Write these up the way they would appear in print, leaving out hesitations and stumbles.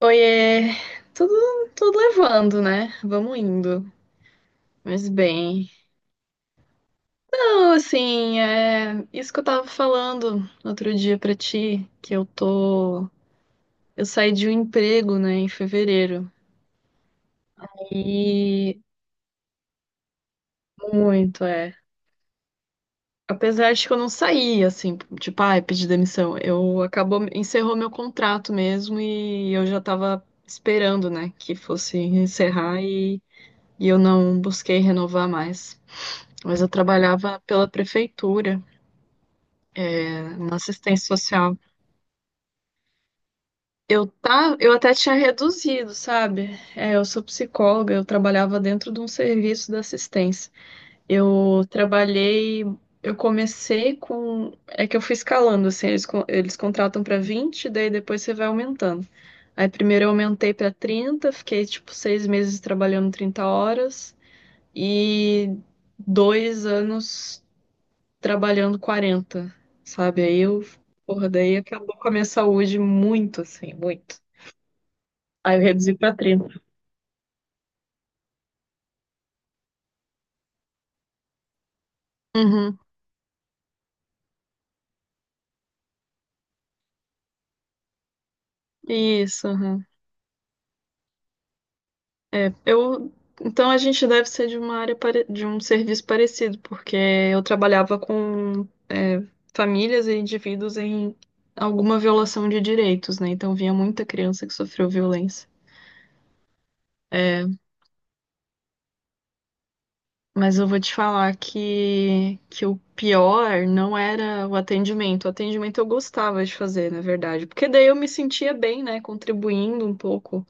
Oiê, tudo, tudo levando, né? Vamos indo. Mas bem. Não, assim, é isso que eu tava falando no outro dia pra ti, que eu tô. Eu saí de um emprego, né, em fevereiro. E muito, é. Apesar de que eu não saí, assim, tipo, ai, pedi demissão. Eu acabou, encerrou meu contrato mesmo e eu já tava esperando, né, que fosse encerrar e eu não busquei renovar mais. Mas eu trabalhava pela prefeitura, é, na assistência social. Eu, tá, eu até tinha reduzido, sabe? É, eu sou psicóloga, eu trabalhava dentro de um serviço de assistência. Eu trabalhei, eu comecei com. É que eu fui escalando, assim, eles contratam para 20, daí depois você vai aumentando. Aí primeiro eu aumentei para 30, fiquei tipo 6 meses trabalhando 30 horas e 2 anos trabalhando 40, sabe? Porra, daí acabou com a minha saúde muito, assim, muito. Aí eu reduzi pra 30. Uhum. Isso, uhum. É, eu. Então a gente deve ser de uma de um serviço parecido, porque eu trabalhava com famílias e indivíduos em alguma violação de direitos, né? Então vinha muita criança que sofreu violência. É, mas eu vou te falar que o pior não era o atendimento. O atendimento eu gostava de fazer, na verdade, porque daí eu me sentia bem, né, contribuindo um pouco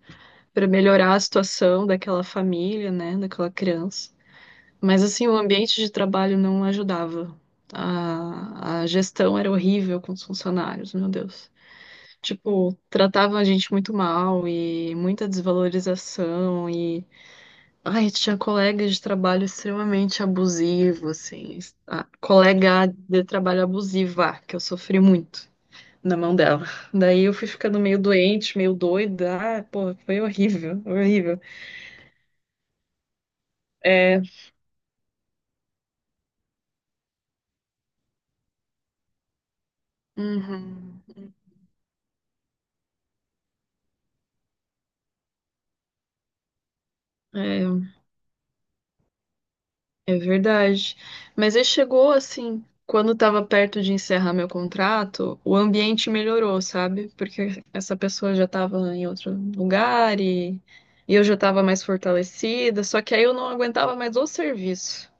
para melhorar a situação daquela família, né, daquela criança. Mas assim, o ambiente de trabalho não ajudava. A gestão era horrível com os funcionários, meu Deus. Tipo, tratavam a gente muito mal e muita desvalorização e ai, tinha colegas de trabalho extremamente abusivo, assim. A colega de trabalho abusiva, que eu sofri muito na mão dela. Daí eu fui ficando meio doente, meio doida. Ah, pô, foi horrível, horrível. É, uhum. É, é verdade. Mas aí chegou assim, quando estava perto de encerrar meu contrato, o ambiente melhorou, sabe? Porque essa pessoa já estava em outro lugar e eu já estava mais fortalecida, só que aí eu não aguentava mais o serviço.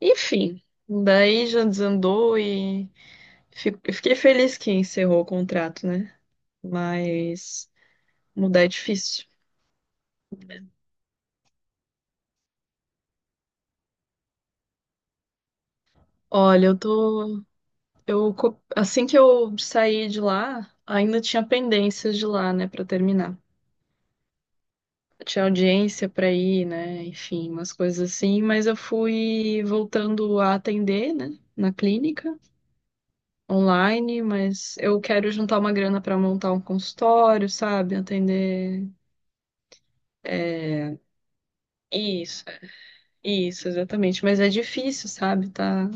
Enfim, daí já desandou e eu fiquei feliz que encerrou o contrato, né? Mas mudar é difícil. Olha, eu tô. Assim que eu saí de lá, ainda tinha pendências de lá, né, pra terminar. Tinha audiência pra ir, né, enfim, umas coisas assim, mas eu fui voltando a atender, né, na clínica, online, mas eu quero juntar uma grana pra montar um consultório, sabe, atender. É... Isso, isso, exatamente. Mas é difícil, sabe, tá.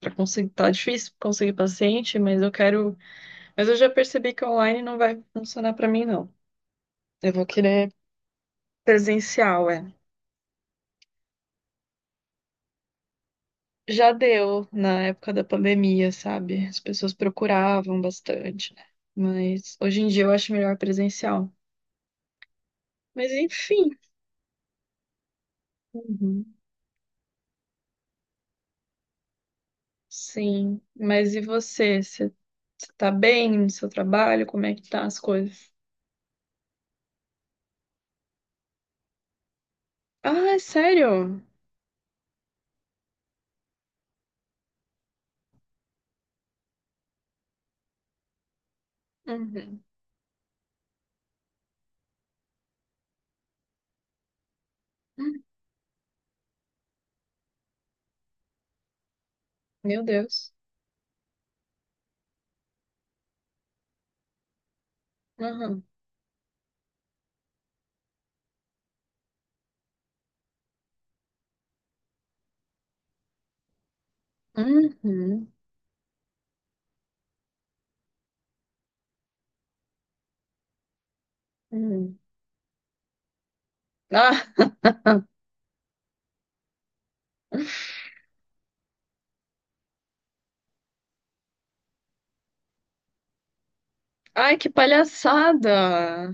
Pra conseguir, tá difícil conseguir paciente, mas eu quero. Mas eu já percebi que online não vai funcionar pra mim, não. Eu vou querer presencial, é. Já deu na época da pandemia, sabe? As pessoas procuravam bastante, né? Mas hoje em dia eu acho melhor presencial. Mas enfim. Uhum. Sim. Mas e você? Você tá bem no seu trabalho? Como é que tá as coisas? Ah, é sério? Uhum. Hum, meu Deus. Uhum. Uhum. Uhum. Ah, ai, que palhaçada!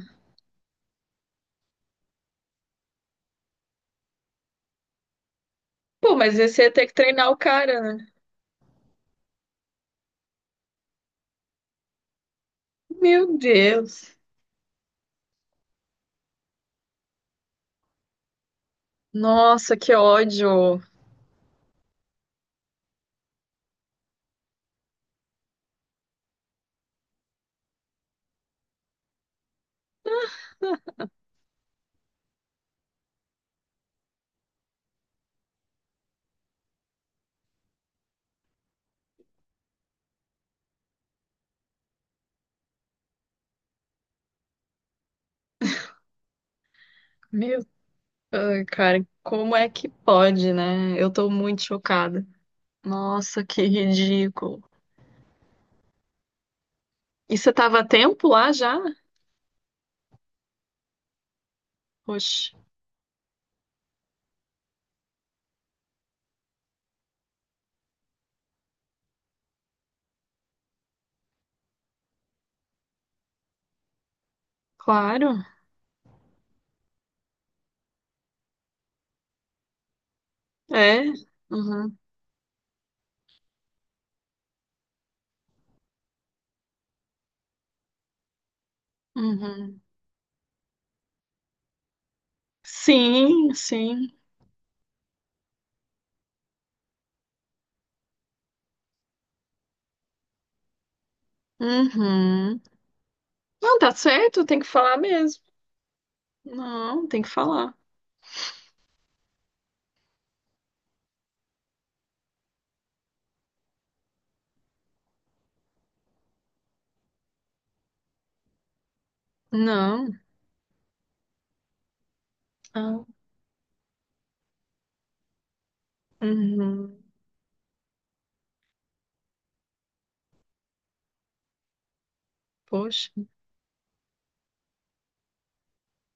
Pô, mas você ia ter que treinar o cara, né? Meu Deus. Nossa, que ódio. Meu, ai, cara, como é que pode, né? Eu tô muito chocada. Nossa, que ridículo. E você tava a tempo lá já? Poxa, claro. É. Uhum, uhum. Sim, sim. Uhum. Não, tá certo, tem que falar mesmo. Não, tem que falar. Não. Ah, uhum. Poxa.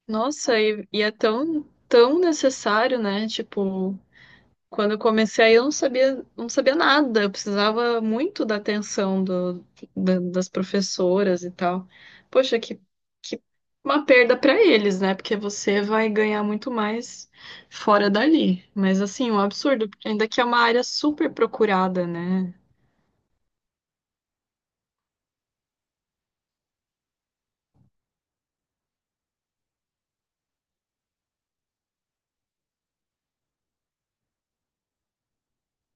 Nossa, e é tão, tão necessário, né? Tipo, quando eu comecei aí, eu não sabia, não sabia nada. Eu precisava muito da atenção das professoras e tal. Poxa, que uma perda para eles, né? Porque você vai ganhar muito mais fora dali. Mas assim, um absurdo, porque ainda que é uma área super procurada, né?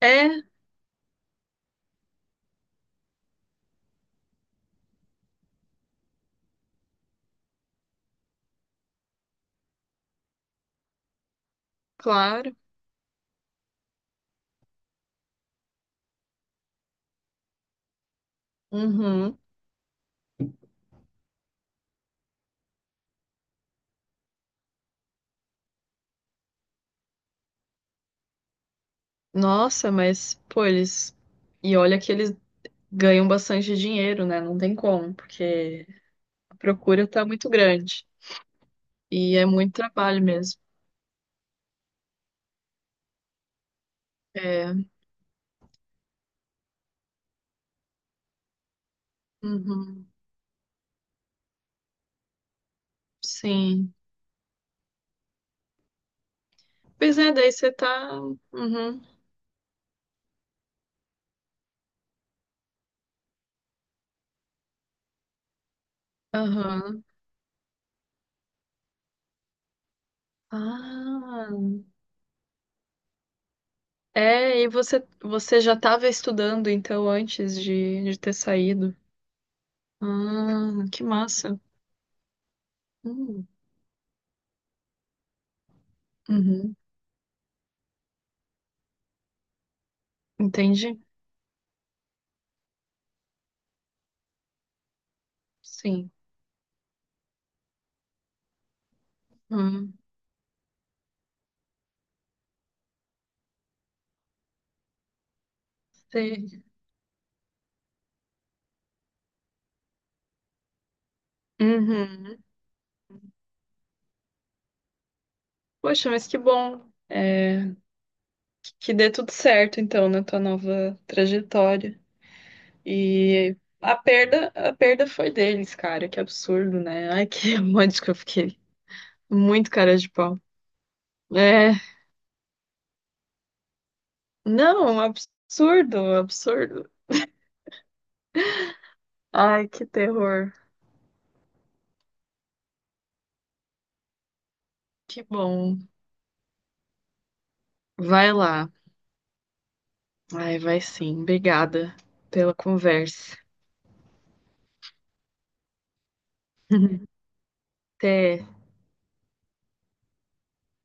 É, claro. Uhum. Nossa, mas, pô, eles. E olha que eles ganham bastante dinheiro, né? Não tem como, porque a procura tá muito grande. E é muito trabalho mesmo. É. Uhum. Sim. Pois é, daí você tá. Uhum. Aham. Ah. É, e você já estava estudando então antes de ter saído. Ah, que massa. Hum. Uhum. Entendi. Sim. Hum. Sei. Uhum. Poxa, mas que bom. É, que dê tudo certo então na tua nova trajetória. E a perda foi deles, cara. Que absurdo, né? Ai, que monte que eu fiquei. Muito cara de pau. É, não, absurdo, absurdo. Ai, que terror. Que bom. Vai lá. Ai, vai sim. Obrigada pela conversa. Até.